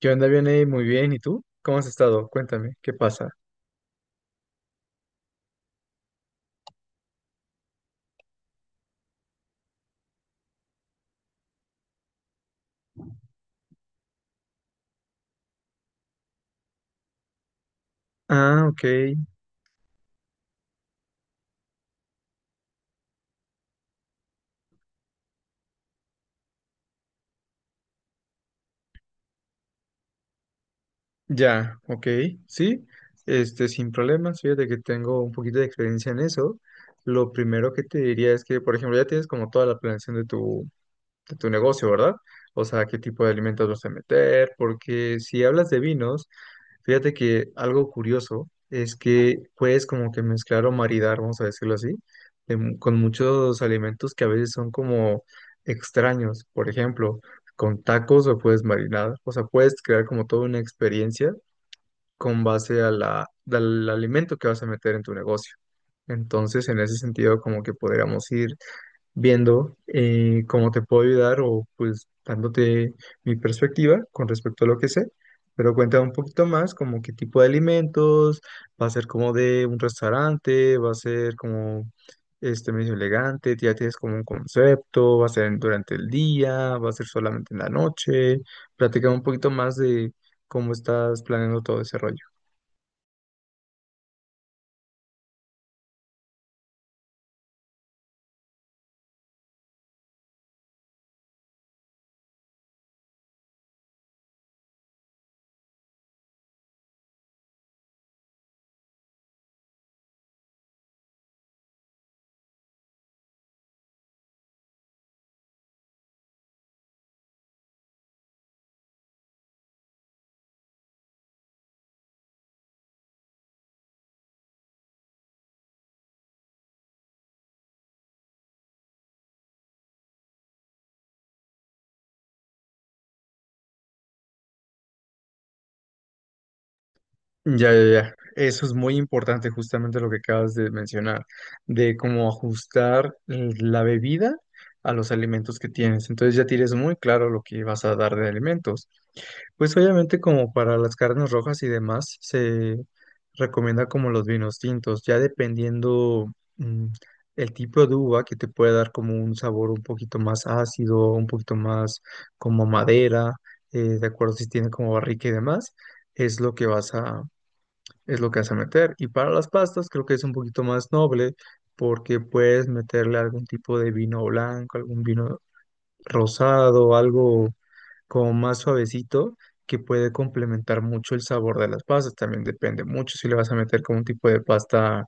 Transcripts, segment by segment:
¿Qué onda, Vianey? Muy bien. ¿Y tú? ¿Cómo has estado? Cuéntame, ¿qué pasa? Ah, ok. Ya, ok. Sí, sin problemas. Fíjate que tengo un poquito de experiencia en eso. Lo primero que te diría es que, por ejemplo, ya tienes como toda la planeación de de tu negocio, ¿verdad? O sea, qué tipo de alimentos vas a meter, porque si hablas de vinos, fíjate que algo curioso es que puedes como que mezclar o maridar, vamos a decirlo así, con muchos alimentos que a veces son como extraños. Por ejemplo, con tacos o puedes marinar. O sea, puedes crear como toda una experiencia con base a al alimento que vas a meter en tu negocio. Entonces, en ese sentido, como que podríamos ir viendo cómo te puedo ayudar o pues dándote mi perspectiva con respecto a lo que sé. Pero cuéntame un poquito más, como qué tipo de alimentos, va a ser como de un restaurante, va a ser como este medio elegante, ya tienes como un concepto, va a ser en- durante el día, va a ser solamente en la noche. Platica un poquito más de cómo estás planeando todo ese rollo. Ya, ya, ya. Eso es muy importante, justamente lo que acabas de mencionar, de cómo ajustar la bebida a los alimentos que tienes. Entonces ya tienes muy claro lo que vas a dar de alimentos. Pues obviamente como para las carnes rojas y demás, se recomienda como los vinos tintos, ya dependiendo mm, el tipo de uva que te puede dar como un sabor un poquito más ácido, un poquito más como madera, de acuerdo si tiene como barrica y demás es lo que es lo que vas a meter. Y para las pastas creo que es un poquito más noble porque puedes meterle algún tipo de vino blanco, algún vino rosado, algo como más suavecito que puede complementar mucho el sabor de las pastas. También depende mucho si le vas a meter como un tipo de pasta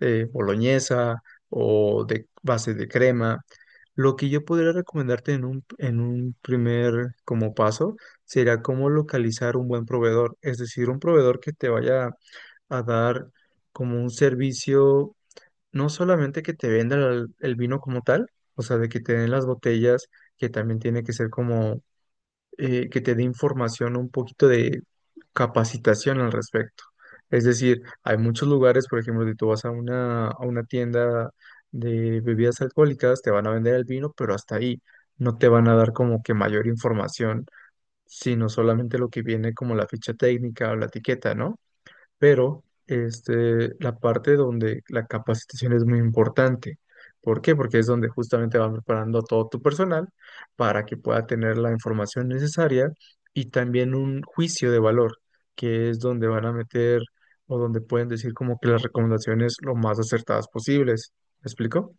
boloñesa o de base de crema. Lo que yo podría recomendarte en en un primer como paso sería cómo localizar un buen proveedor, es decir, un proveedor que te vaya a dar como un servicio, no solamente que te vendan el vino como tal, o sea, de que te den las botellas, que también tiene que ser como que te dé información, un poquito de capacitación al respecto. Es decir, hay muchos lugares, por ejemplo, si tú vas a a una tienda de bebidas alcohólicas, te van a vender el vino, pero hasta ahí no te van a dar como que mayor información, sino solamente lo que viene como la ficha técnica o la etiqueta, ¿no? Pero este, la parte donde la capacitación es muy importante. ¿Por qué? Porque es donde justamente van preparando a todo tu personal para que pueda tener la información necesaria y también un juicio de valor, que es donde van a meter o donde pueden decir como que las recomendaciones lo más acertadas posibles. ¿Me explico?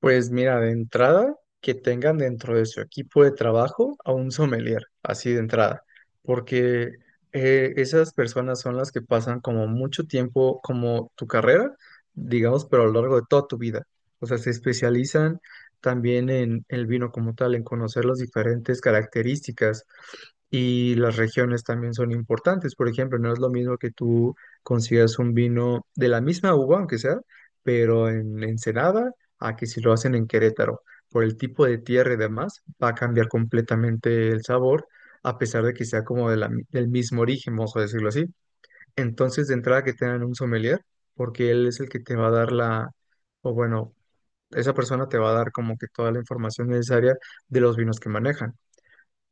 Pues mira, de entrada, que tengan dentro de su equipo de trabajo a un sommelier, así de entrada, porque esas personas son las que pasan como mucho tiempo, como tu carrera, digamos, pero a lo largo de toda tu vida. O sea, se especializan también en el vino como tal, en conocer las diferentes características. Y las regiones también son importantes. Por ejemplo, no es lo mismo que tú consigas un vino de la misma uva, aunque sea, pero en Ensenada a que si lo hacen en Querétaro, por el tipo de tierra y demás, va a cambiar completamente el sabor, a pesar de que sea como de del mismo origen, vamos a decirlo así. Entonces, de entrada que tengan un sommelier, porque él es el que te va a dar o bueno, esa persona te va a dar como que toda la información necesaria de los vinos que manejan.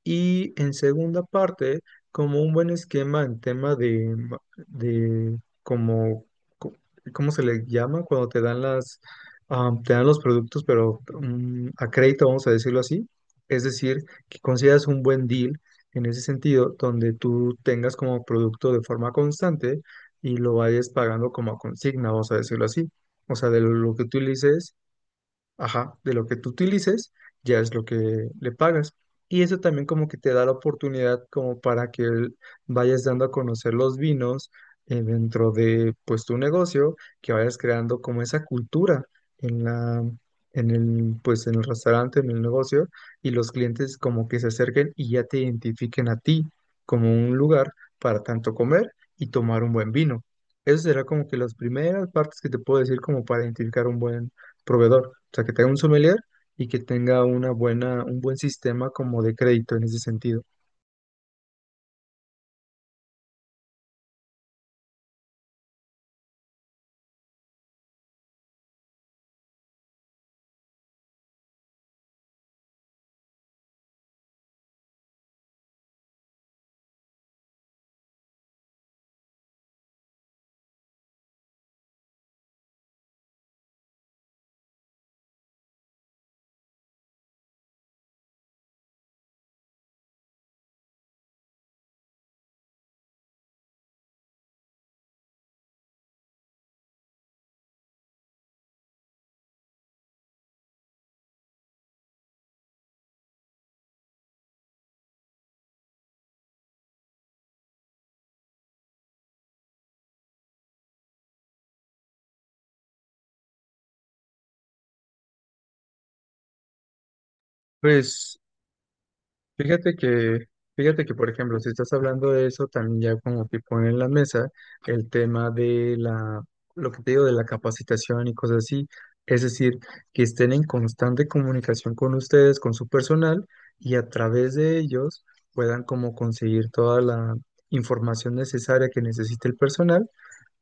Y en segunda parte, como un buen esquema en tema de como, co- ¿cómo se le llama? Cuando te dan te dan los productos, pero a crédito, vamos a decirlo así. Es decir, que consideras un buen deal en ese sentido, donde tú tengas como producto de forma constante y lo vayas pagando como a consigna, vamos a decirlo así. O sea, de lo que utilices. Ajá, de lo que tú utilices, ya es lo que le pagas. Y eso también como que te da la oportunidad como para que vayas dando a conocer los vinos dentro de pues tu negocio, que vayas creando como esa cultura en en el, pues en el restaurante, en el negocio, y los clientes como que se acerquen y ya te identifiquen a ti como un lugar para tanto comer y tomar un buen vino. Eso será como que las primeras partes que te puedo decir como para identificar proveedor, o sea, que tenga un sommelier y que tenga un buen sistema como de crédito en ese sentido. Pues fíjate que, fíjate que, por ejemplo, si estás hablando de eso, también ya como que pone en la mesa el tema de lo que te digo, de la capacitación y cosas así. Es decir, que estén en constante comunicación con ustedes, con su personal, y a través de ellos puedan como conseguir toda la información necesaria que necesite el personal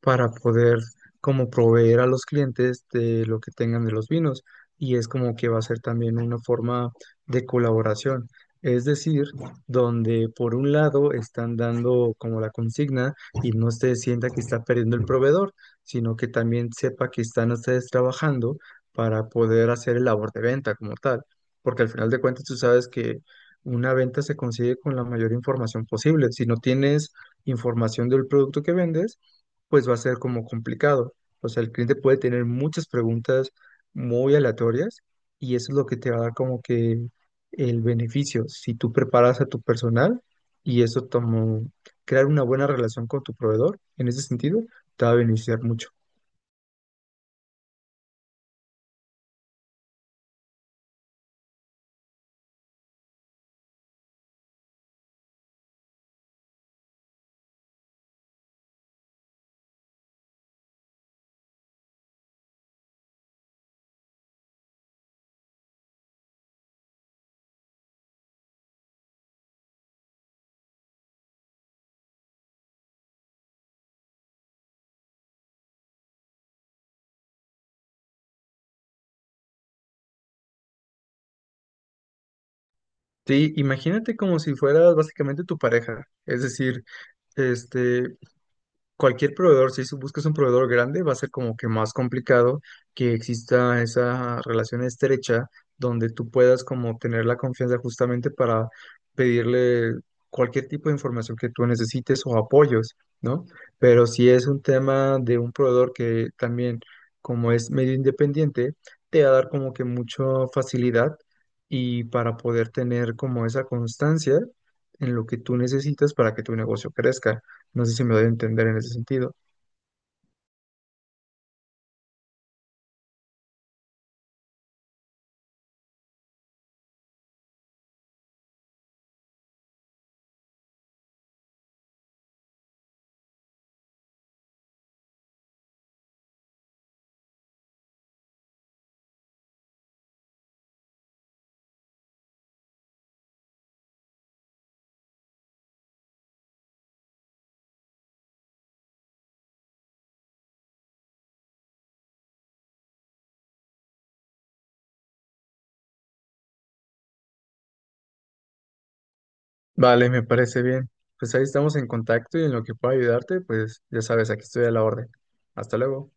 para poder como proveer a los clientes de lo que tengan de los vinos y es como que va a ser también una forma de colaboración. Es decir, donde por un lado están dando como la consigna y no se sienta que está perdiendo el proveedor, sino que también sepa que están ustedes trabajando para poder hacer el labor de venta como tal. Porque al final de cuentas tú sabes que una venta se consigue con la mayor información posible. Si no tienes información del producto que vendes, pues va a ser como complicado. O sea, el cliente puede tener muchas preguntas muy aleatorias y eso es lo que te va a dar como que el beneficio. Si tú preparas a tu personal y eso como crear una buena relación con tu proveedor, en ese sentido, te va a beneficiar mucho. Sí, imagínate como si fueras básicamente tu pareja. Es decir, este, cualquier proveedor, si su- buscas un proveedor grande, va a ser como que más complicado que exista esa relación estrecha donde tú puedas como tener la confianza justamente para pedirle cualquier tipo de información que tú necesites o apoyos, ¿no? Pero si es un tema de un proveedor que también, como es medio independiente, te va a dar como que mucha facilidad y para poder tener como esa constancia en lo que tú necesitas para que tu negocio crezca. No sé si me doy a entender en ese sentido. Vale, me parece bien. Pues ahí estamos en contacto y en lo que pueda ayudarte, pues ya sabes, aquí estoy a la orden. Hasta luego.